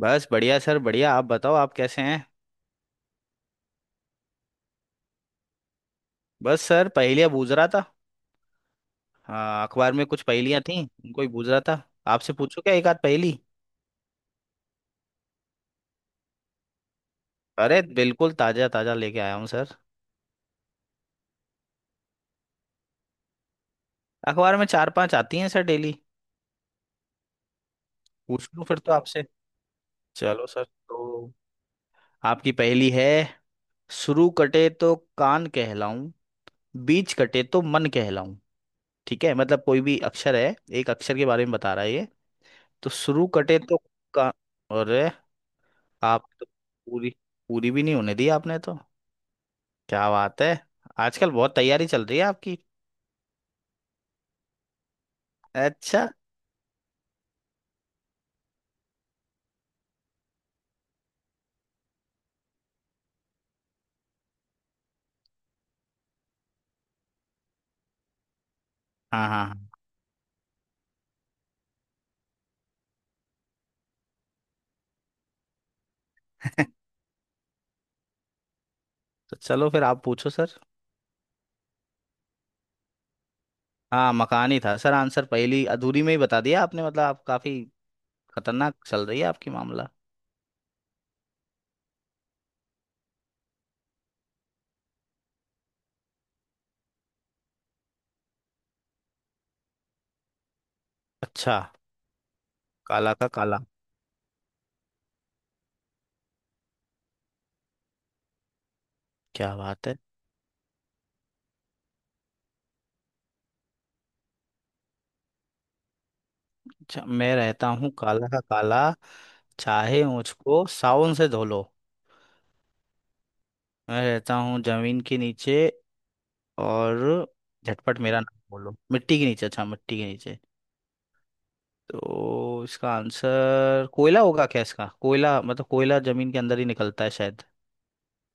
बस बढ़िया सर, बढ़िया। आप बताओ, आप कैसे हैं। बस सर पहेलियां बूझ रहा था। हाँ, अखबार में कुछ पहेलियां थी। उनको ही बूझ रहा था। आपसे पूछो क्या एक आध पहेली। अरे बिल्कुल ताजा ताजा लेके आया हूँ सर। अखबार में चार पांच आती हैं सर, डेली। पूछ लूँ फिर तो आपसे। चलो सर तो। आपकी पहेली है। शुरू कटे तो कान कहलाऊं। बीच कटे तो मन कहलाऊं। ठीक है, मतलब कोई भी अक्षर है, एक अक्षर के बारे में बता रहा है ये। तो शुरू कटे तो। का। और। आप तो पूरी। पूरी भी नहीं होने दी आपने तो। क्या बात है। आजकल बहुत तैयारी चल रही है आपकी। अच्छा। हाँ, हाँ, हाँ। तो चलो फिर आप पूछो सर। हाँ, मकान ही था सर आंसर, पहली अधूरी में ही बता दिया आपने, मतलब आप काफी खतरनाक चल रही है आपकी मामला। अच्छा। काला का काला। क्या बात है। अच्छा, मैं रहता हूँ काला का काला। चाहे मुझको सावन से धो लो। मैं रहता हूँ जमीन के नीचे। और। झटपट मेरा नाम बोलो, मिट्टी के नीचे। अच्छा, मिट्टी के नीचे। तो इसका आंसर कोयला होगा क्या इसका? कोयला मतलब कोयला जमीन के अंदर ही निकलता है शायद।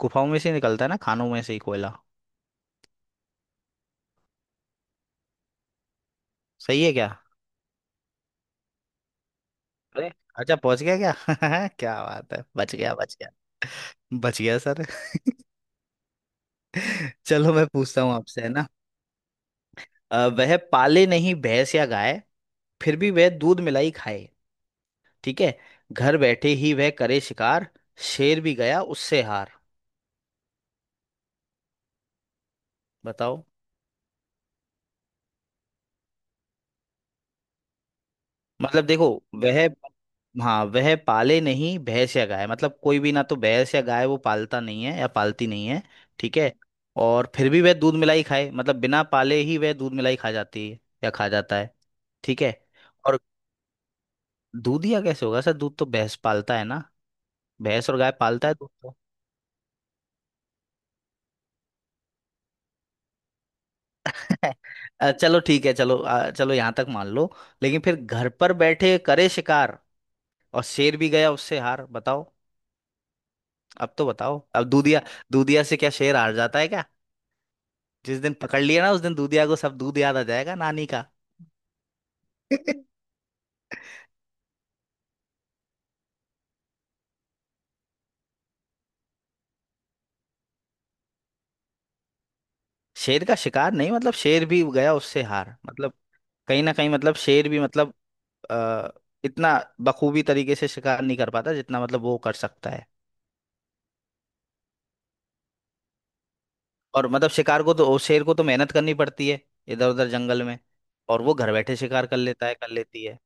गुफाओं में से ही निकलता है ना, खानों में से ही कोयला। सही है क्या? अरे। अच्छा पहुंच गया क्या? क्या बात है, बच गया बच गया। बच गया सर। चलो मैं पूछता हूँ आपसे है ना। वह पाले नहीं भैंस या गाय। फिर भी वह दूध मिलाई खाए। ठीक है। घर बैठे ही वह करे शिकार। शेर भी गया उससे हार, बताओ। मतलब देखो। वह। हाँ वह पाले नहीं भैंस या गाय, मतलब कोई भी ना तो भैंस या गाय वो पालता नहीं है या पालती नहीं है। ठीक है। और फिर भी वह दूध मिलाई खाए, मतलब बिना पाले ही वह दूध मिलाई खा जाती है या खा जाता है। ठीक है। और। दूध या कैसे होगा सर, दूध तो भैंस पालता है ना। भैंस और गाय पालता है दूध तो। चलो ठीक है, चलो चलो यहाँ तक मान लो। लेकिन फिर घर पर बैठे करे शिकार। और शेर भी गया उससे हार, बताओ। अब तो बताओ अब, दूधिया। दूधिया से क्या शेर हार जाता है क्या? जिस दिन पकड़ लिया ना उस दिन दूधिया को सब दूध याद आ जाएगा नानी का। शेर का शिकार नहीं, मतलब शेर भी गया उससे हार मतलब। कहीं ना कहीं मतलब शेर भी मतलब। आ, इतना बखूबी तरीके से शिकार नहीं कर पाता जितना मतलब वो कर सकता है। और मतलब शिकार को तो शेर को तो मेहनत करनी पड़ती है। इधर उधर जंगल में। और वो घर बैठे शिकार कर लेता है, कर लेती है।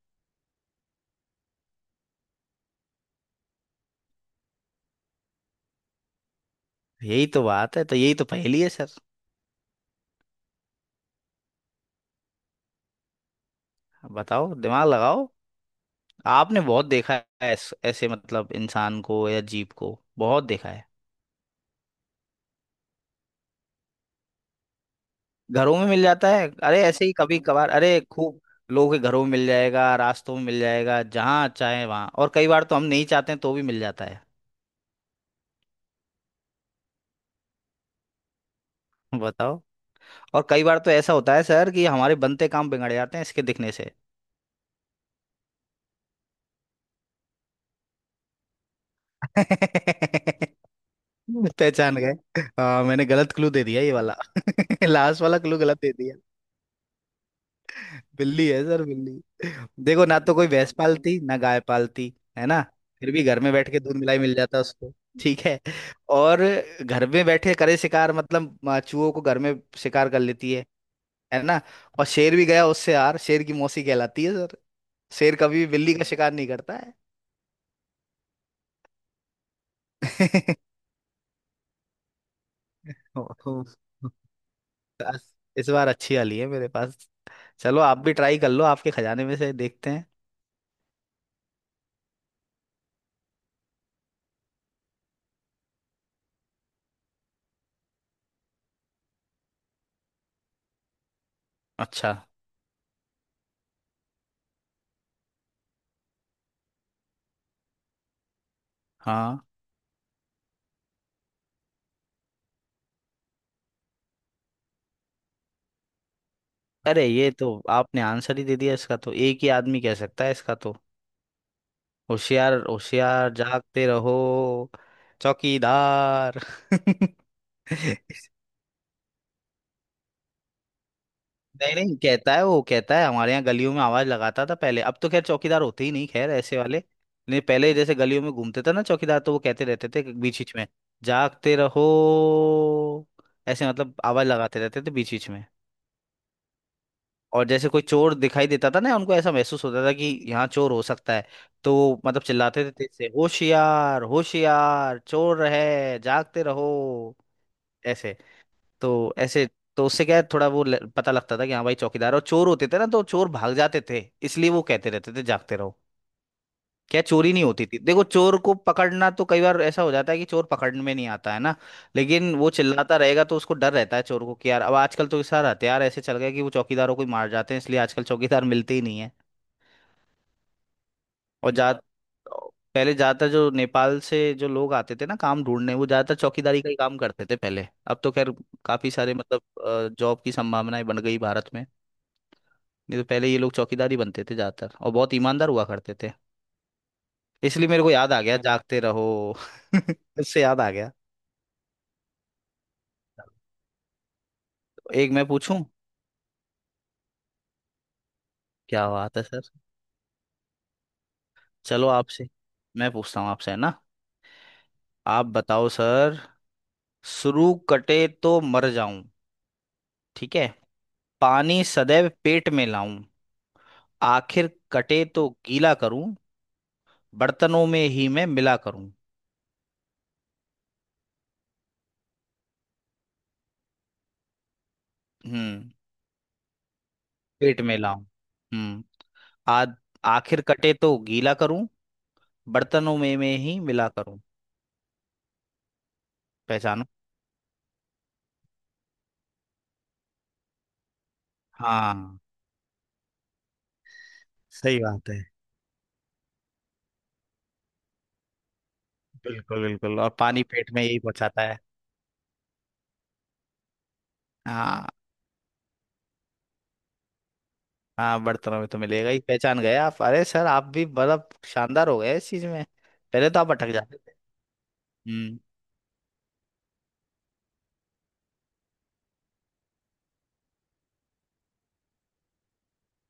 यही तो बात है, तो यही तो पहेली है सर। बताओ, दिमाग लगाओ। आपने बहुत देखा है। ऐसे मतलब इंसान को या जीव को बहुत देखा है। घरों में मिल जाता है, अरे ऐसे ही कभी कभार, अरे खूब लोगों के घरों में मिल जाएगा, रास्तों में मिल जाएगा जहाँ चाहे वहाँ, और कई बार तो हम नहीं चाहते हैं तो भी मिल जाता है। बताओ। और कई बार तो ऐसा होता है सर कि हमारे बनते काम बिगड़ जाते हैं इसके दिखने से। पहचान गए। हाँ मैंने गलत क्लू दे दिया ये वाला, लास्ट वाला क्लू गलत दे दिया। बिल्ली है सर, बिल्ली। देखो, ना तो कोई भैंस पालती ना गाय पालती। है ना। फिर भी घर में बैठ के दूध मलाई मिल जाता उसको। ठीक है। और। घर में बैठे करे शिकार मतलब चूहों को घर में शिकार कर लेती है। है ना। और शेर भी गया उससे, यार शेर की मौसी कहलाती है सर। शेर कभी भी बिल्ली का शिकार नहीं करता है। ओहो। बस, इस बार अच्छी वाली है मेरे पास। चलो आप भी ट्राई कर लो, आपके खजाने में से देखते हैं। अच्छा। हाँ। अरे ये तो आपने आंसर ही दे दिया इसका, तो एक ही आदमी कह सकता है इसका तो। होशियार होशियार, जागते रहो। चौकीदार। नहीं नहीं, कहता है वो, कहता है हमारे यहाँ गलियों में आवाज लगाता था पहले, अब तो खैर चौकीदार होते ही नहीं, खैर ऐसे वाले। नहीं, पहले जैसे गलियों में घूमते थे ना चौकीदार, तो वो कहते रहते थे बीच बीच में। जागते रहो। ऐसे मतलब आवाज लगाते रहते थे बीच बीच में। और जैसे कोई चोर दिखाई देता था ना उनको, ऐसा महसूस होता था कि यहाँ चोर हो सकता है। तो वो मतलब चिल्लाते थे तेज से, होशियार होशियार चोर है, जागते रहो। ऐसे। तो ऐसे। तो उससे क्या है, थोड़ा वो पता लगता था कि हाँ भाई, चौकीदार और चोर होते थे ना तो चोर भाग जाते थे। इसलिए वो कहते रहते थे जागते रहो। क्या चोरी नहीं होती थी, देखो चोर को पकड़ना तो कई बार ऐसा हो जाता है कि चोर पकड़ में नहीं आता है ना। लेकिन वो चिल्लाता रहेगा तो उसको डर रहता है चोर को कि यार अब आजकल तो सार हथियार ऐसे चल गए कि वो चौकीदारों को ही मार जाते हैं, इसलिए आजकल चौकीदार मिलते ही नहीं है। और जा। पहले ज्यादातर जो नेपाल से जो लोग आते थे ना काम ढूंढने, वो ज्यादातर चौकीदारी का ही काम करते थे पहले, अब तो खैर। काफी सारे मतलब जॉब की संभावनाएं बन गई भारत में। नहीं तो पहले ये लोग चौकीदार ही बनते थे ज्यादातर, और बहुत ईमानदार हुआ करते थे। इसलिए मेरे को याद आ गया जागते रहो। उससे याद आ गया। तो एक मैं पूछूं। क्या बात है सर। चलो आपसे। मैं पूछता हूँ आपसे है ना। आप बताओ सर। शुरू कटे तो मर जाऊं। ठीक है। पानी सदैव पेट में लाऊं। आखिर कटे तो गीला करूं। बर्तनों में ही मैं मिला करूं। हम्म। पेट में लाऊं। हम्म। आ आखिर कटे तो गीला करूं। बर्तनों में ही मिला करूं। पहचानो। हाँ। सही बात है। बिल्कुल बिल्कुल, और पानी पेट में यही पहुंचाता है। हाँ। हाँ, बर्तनों में तो मिलेगा ही, पहचान गए आप, अरे सर आप भी मतलब शानदार हो गए इस चीज में। पहले तो आप अटक जाते थे। हम्म।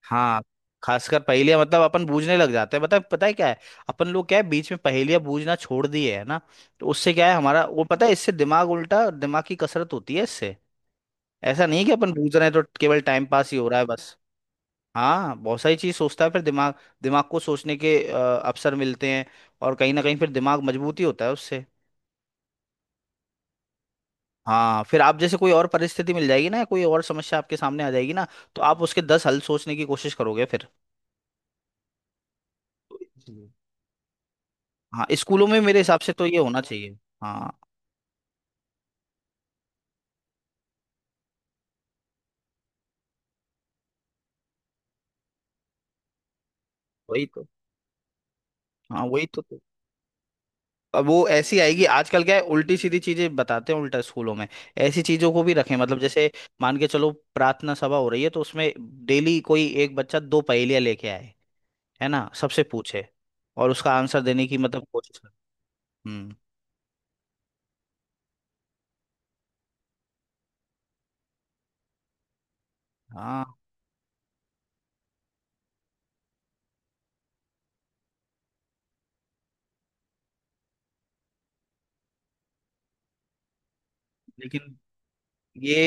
हाँ। खासकर पहेलियां मतलब अपन बूझने लग जाते हैं, बता पता है क्या है। अपन लोग क्या है, बीच में पहेलियां बूझना छोड़ दिए है ना। तो उससे क्या है, हमारा वो पता है इससे दिमाग, उल्टा दिमाग की कसरत होती है इससे। ऐसा नहीं है कि अपन बूझ रहे हैं तो केवल टाइम पास ही हो रहा है बस। हाँ, बहुत सारी चीज सोचता है फिर दिमाग। दिमाग को सोचने के अवसर मिलते हैं। और कहीं ना कहीं फिर दिमाग मजबूती होता है उससे। हाँ, फिर आप जैसे कोई और परिस्थिति मिल जाएगी ना, या कोई और समस्या आपके सामने आ जाएगी ना। तो आप उसके 10 हल सोचने की कोशिश करोगे फिर। तो इसलिए। हाँ, स्कूलों में मेरे हिसाब से तो ये होना चाहिए। हाँ, वही तो। हाँ वही तो। अब वो ऐसी आएगी, आजकल क्या है उल्टी सीधी चीजें बताते हैं उल्टा स्कूलों में। ऐसी चीजों को भी रखें, मतलब जैसे। मान के चलो प्रार्थना सभा हो रही है तो उसमें डेली कोई एक बच्चा दो पहेलियां लेके आए। है ना, सबसे पूछे। और उसका आंसर देने की मतलब कोशिश करे। हम्म। हाँ, लेकिन ये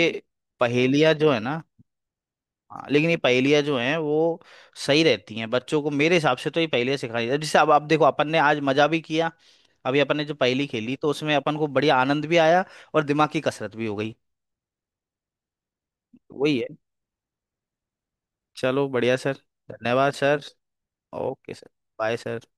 पहेलियाँ जो है ना। हाँ, लेकिन ये पहेलियाँ जो हैं वो सही रहती हैं बच्चों को, मेरे हिसाब से तो ये पहेलियाँ सिखानी चाहिए, जैसे अब आप देखो अपन ने आज मजा भी किया। अभी अपन ने जो पहेली खेली तो उसमें अपन को बढ़िया आनंद भी आया। और दिमाग की कसरत भी हो गई। वही है। चलो बढ़िया सर। धन्यवाद sir. Okay sir. Bye sir.